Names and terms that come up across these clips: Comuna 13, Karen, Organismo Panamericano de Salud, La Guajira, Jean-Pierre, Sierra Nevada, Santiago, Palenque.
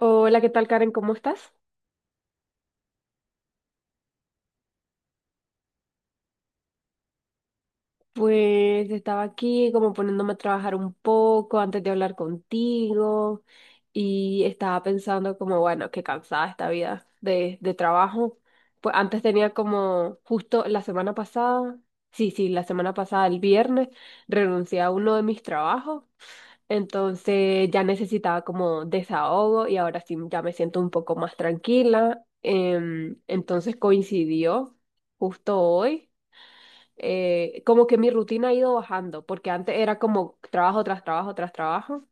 Hola, ¿qué tal, Karen? ¿Cómo estás? Pues estaba aquí como poniéndome a trabajar un poco antes de hablar contigo y estaba pensando como, bueno, qué cansada esta vida de trabajo. Pues antes tenía como justo la semana pasada, sí, sí, la semana pasada, el viernes, renuncié a uno de mis trabajos, entonces ya necesitaba como desahogo y ahora sí ya me siento un poco más tranquila. Entonces coincidió justo hoy. Como que mi rutina ha ido bajando, porque antes era como trabajo tras trabajo tras trabajo.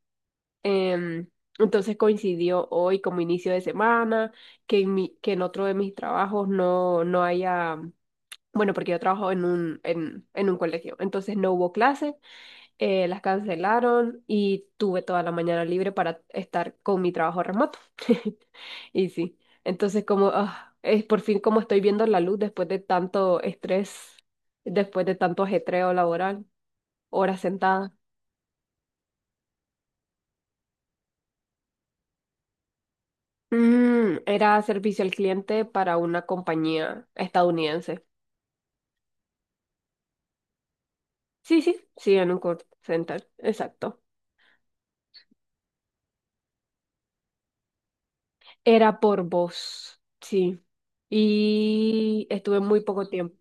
em, entonces coincidió hoy como inicio de semana, que en otro de mis trabajos no haya, bueno, porque yo trabajo en un colegio, entonces no hubo clase. Las cancelaron y tuve toda la mañana libre para estar con mi trabajo remoto. Y sí, entonces como ah, es por fin como estoy viendo la luz después de tanto estrés, después de tanto ajetreo laboral, horas sentadas. Era servicio al cliente para una compañía estadounidense. Sí, sí, sí, en un call center, exacto. Era por voz, sí. Y estuve muy poco tiempo.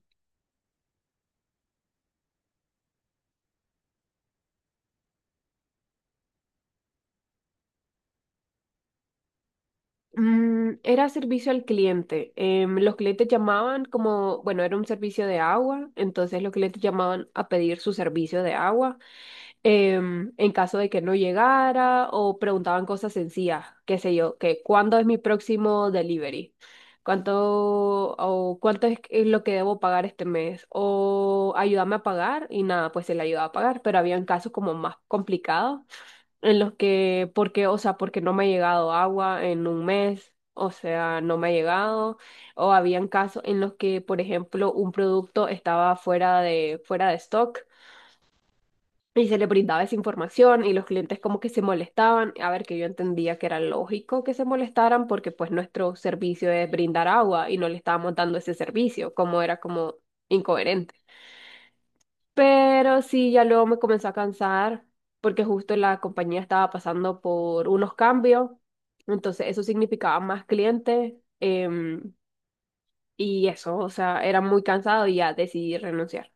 Era servicio al cliente. Los clientes llamaban como, bueno, era un servicio de agua, entonces los clientes llamaban a pedir su servicio de agua. En caso de que no llegara o preguntaban cosas sencillas, qué sé yo, que cuándo es mi próximo delivery, cuánto o cuánto es lo que debo pagar este mes o ayúdame a pagar y nada, pues se le ayudaba a pagar, pero habían casos como más complicados en los que, porque, o sea, porque no me ha llegado agua en un mes, o sea, no me ha llegado, o habían casos en los que, por ejemplo, un producto estaba fuera de stock y se le brindaba esa información y los clientes como que se molestaban, a ver, que yo entendía que era lógico que se molestaran porque pues nuestro servicio es brindar agua y no le estábamos dando ese servicio, como era como incoherente. Pero sí, ya luego me comenzó a cansar porque justo la compañía estaba pasando por unos cambios. Entonces eso significaba más clientes. em, y eso, o sea, era muy cansado y ya decidí renunciar.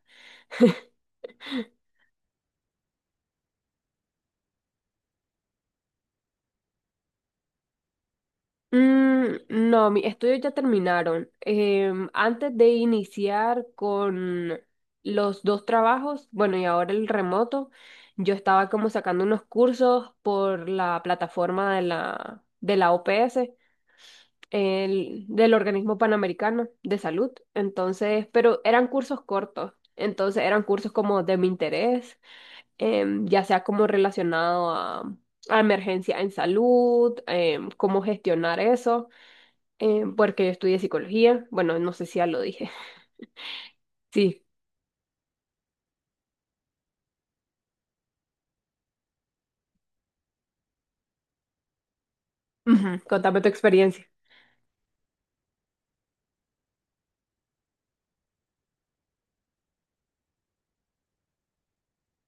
No, mis estudios ya terminaron. Antes de iniciar con los dos trabajos, bueno, y ahora el remoto, yo estaba como sacando unos cursos por la plataforma de la OPS. Del Organismo Panamericano de Salud. Entonces, pero eran cursos cortos. Entonces eran cursos como de mi interés, ya sea como relacionado a, emergencia en salud, cómo gestionar eso, porque yo estudié psicología. Bueno, no sé si ya lo dije. Sí. Ujú, contame tu experiencia.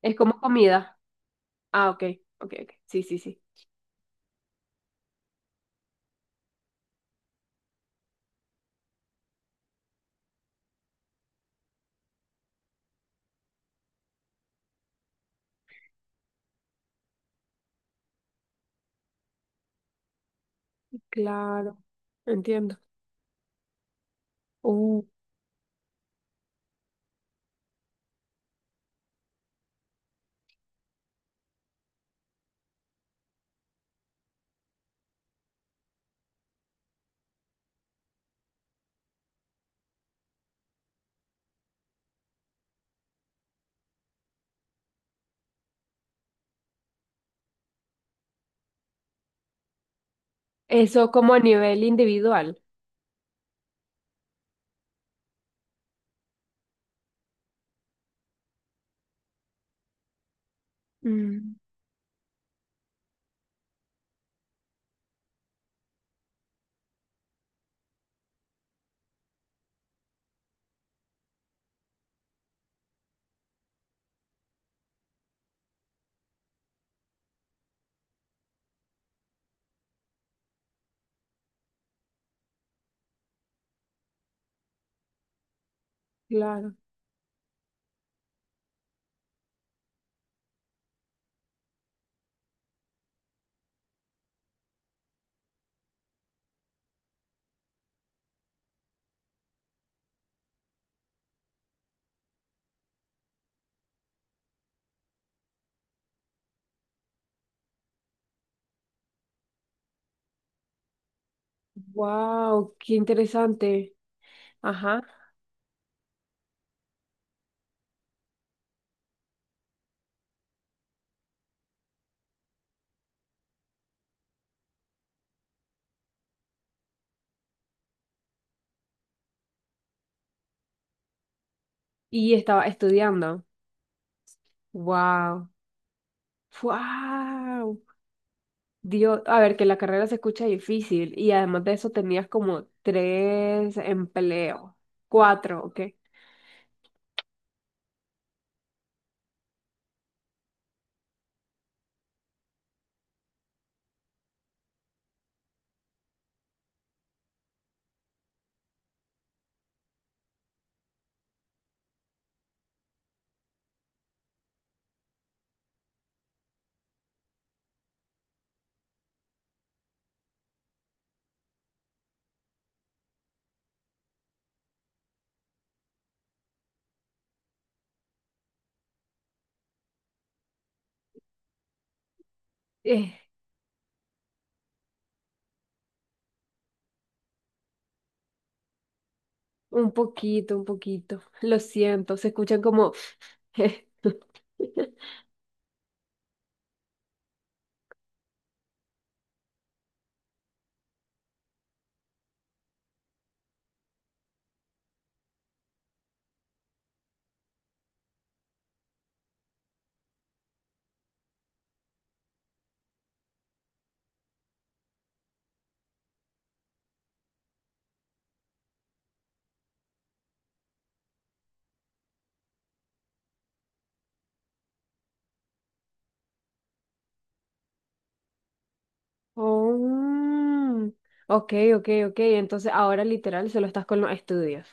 Es como comida. Ah, ok, ok, ok. Sí, sí, sí. Claro, entiendo. Uh, Eso como a nivel individual. Mm, claro. Wow, qué interesante. Ajá. Y estaba estudiando. Wow. Wow. Dios, a ver, que la carrera se escucha difícil y además de eso tenías como tres empleos, cuatro, ¿ok? Eh, un poquito, un poquito. Lo siento, se escuchan como. Oh, ok, ok, ok. Entonces ahora literal solo estás con los estudios.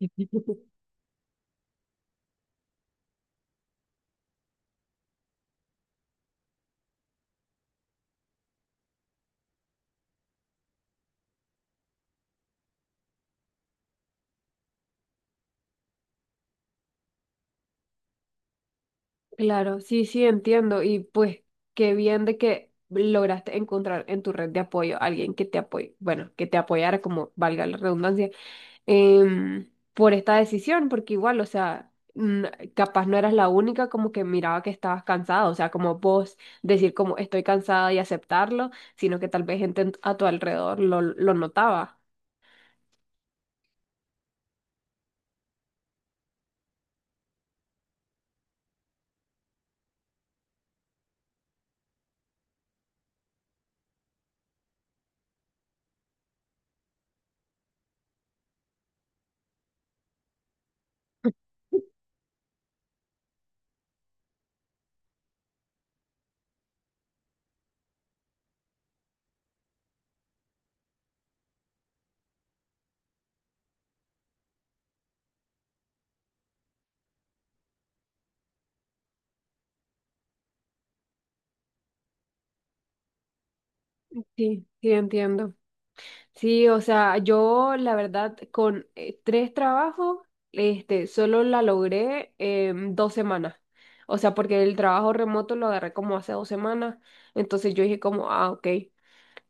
Claro, sí, sí, entiendo. Y pues qué bien de que lograste encontrar en tu red de apoyo a alguien que te apoye, bueno, que te apoyara, como valga la redundancia, por esta decisión, porque igual, o sea, capaz no eras la única como que miraba que estabas cansada, o sea, como vos decir como estoy cansada y aceptarlo, sino que tal vez gente a tu alrededor lo notaba. Sí, sí, entiendo. Sí, o sea, yo la verdad con tres trabajos, este, solo la logré en dos semanas. O sea, porque el trabajo remoto lo agarré como hace dos semanas, entonces yo dije como, ah, ok.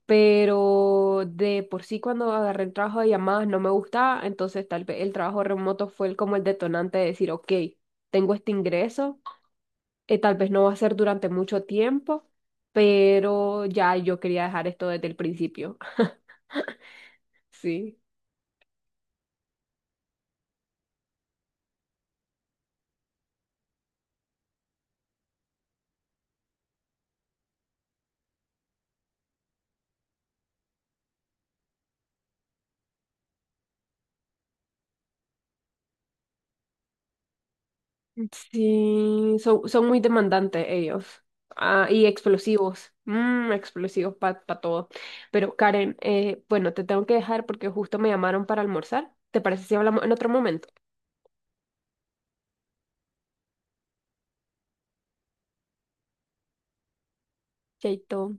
Pero de por sí cuando agarré el trabajo de llamadas no me gustaba, entonces tal vez el trabajo remoto fue como el detonante de decir, ok, tengo este ingreso, tal vez no va a ser durante mucho tiempo, pero ya yo quería dejar esto desde el principio. Sí. Sí, son muy demandantes ellos. Ah, y explosivos. Explosivos para todo. Pero Karen, bueno, te tengo que dejar porque justo me llamaron para almorzar. ¿Te parece si hablamos en otro momento? Chaito.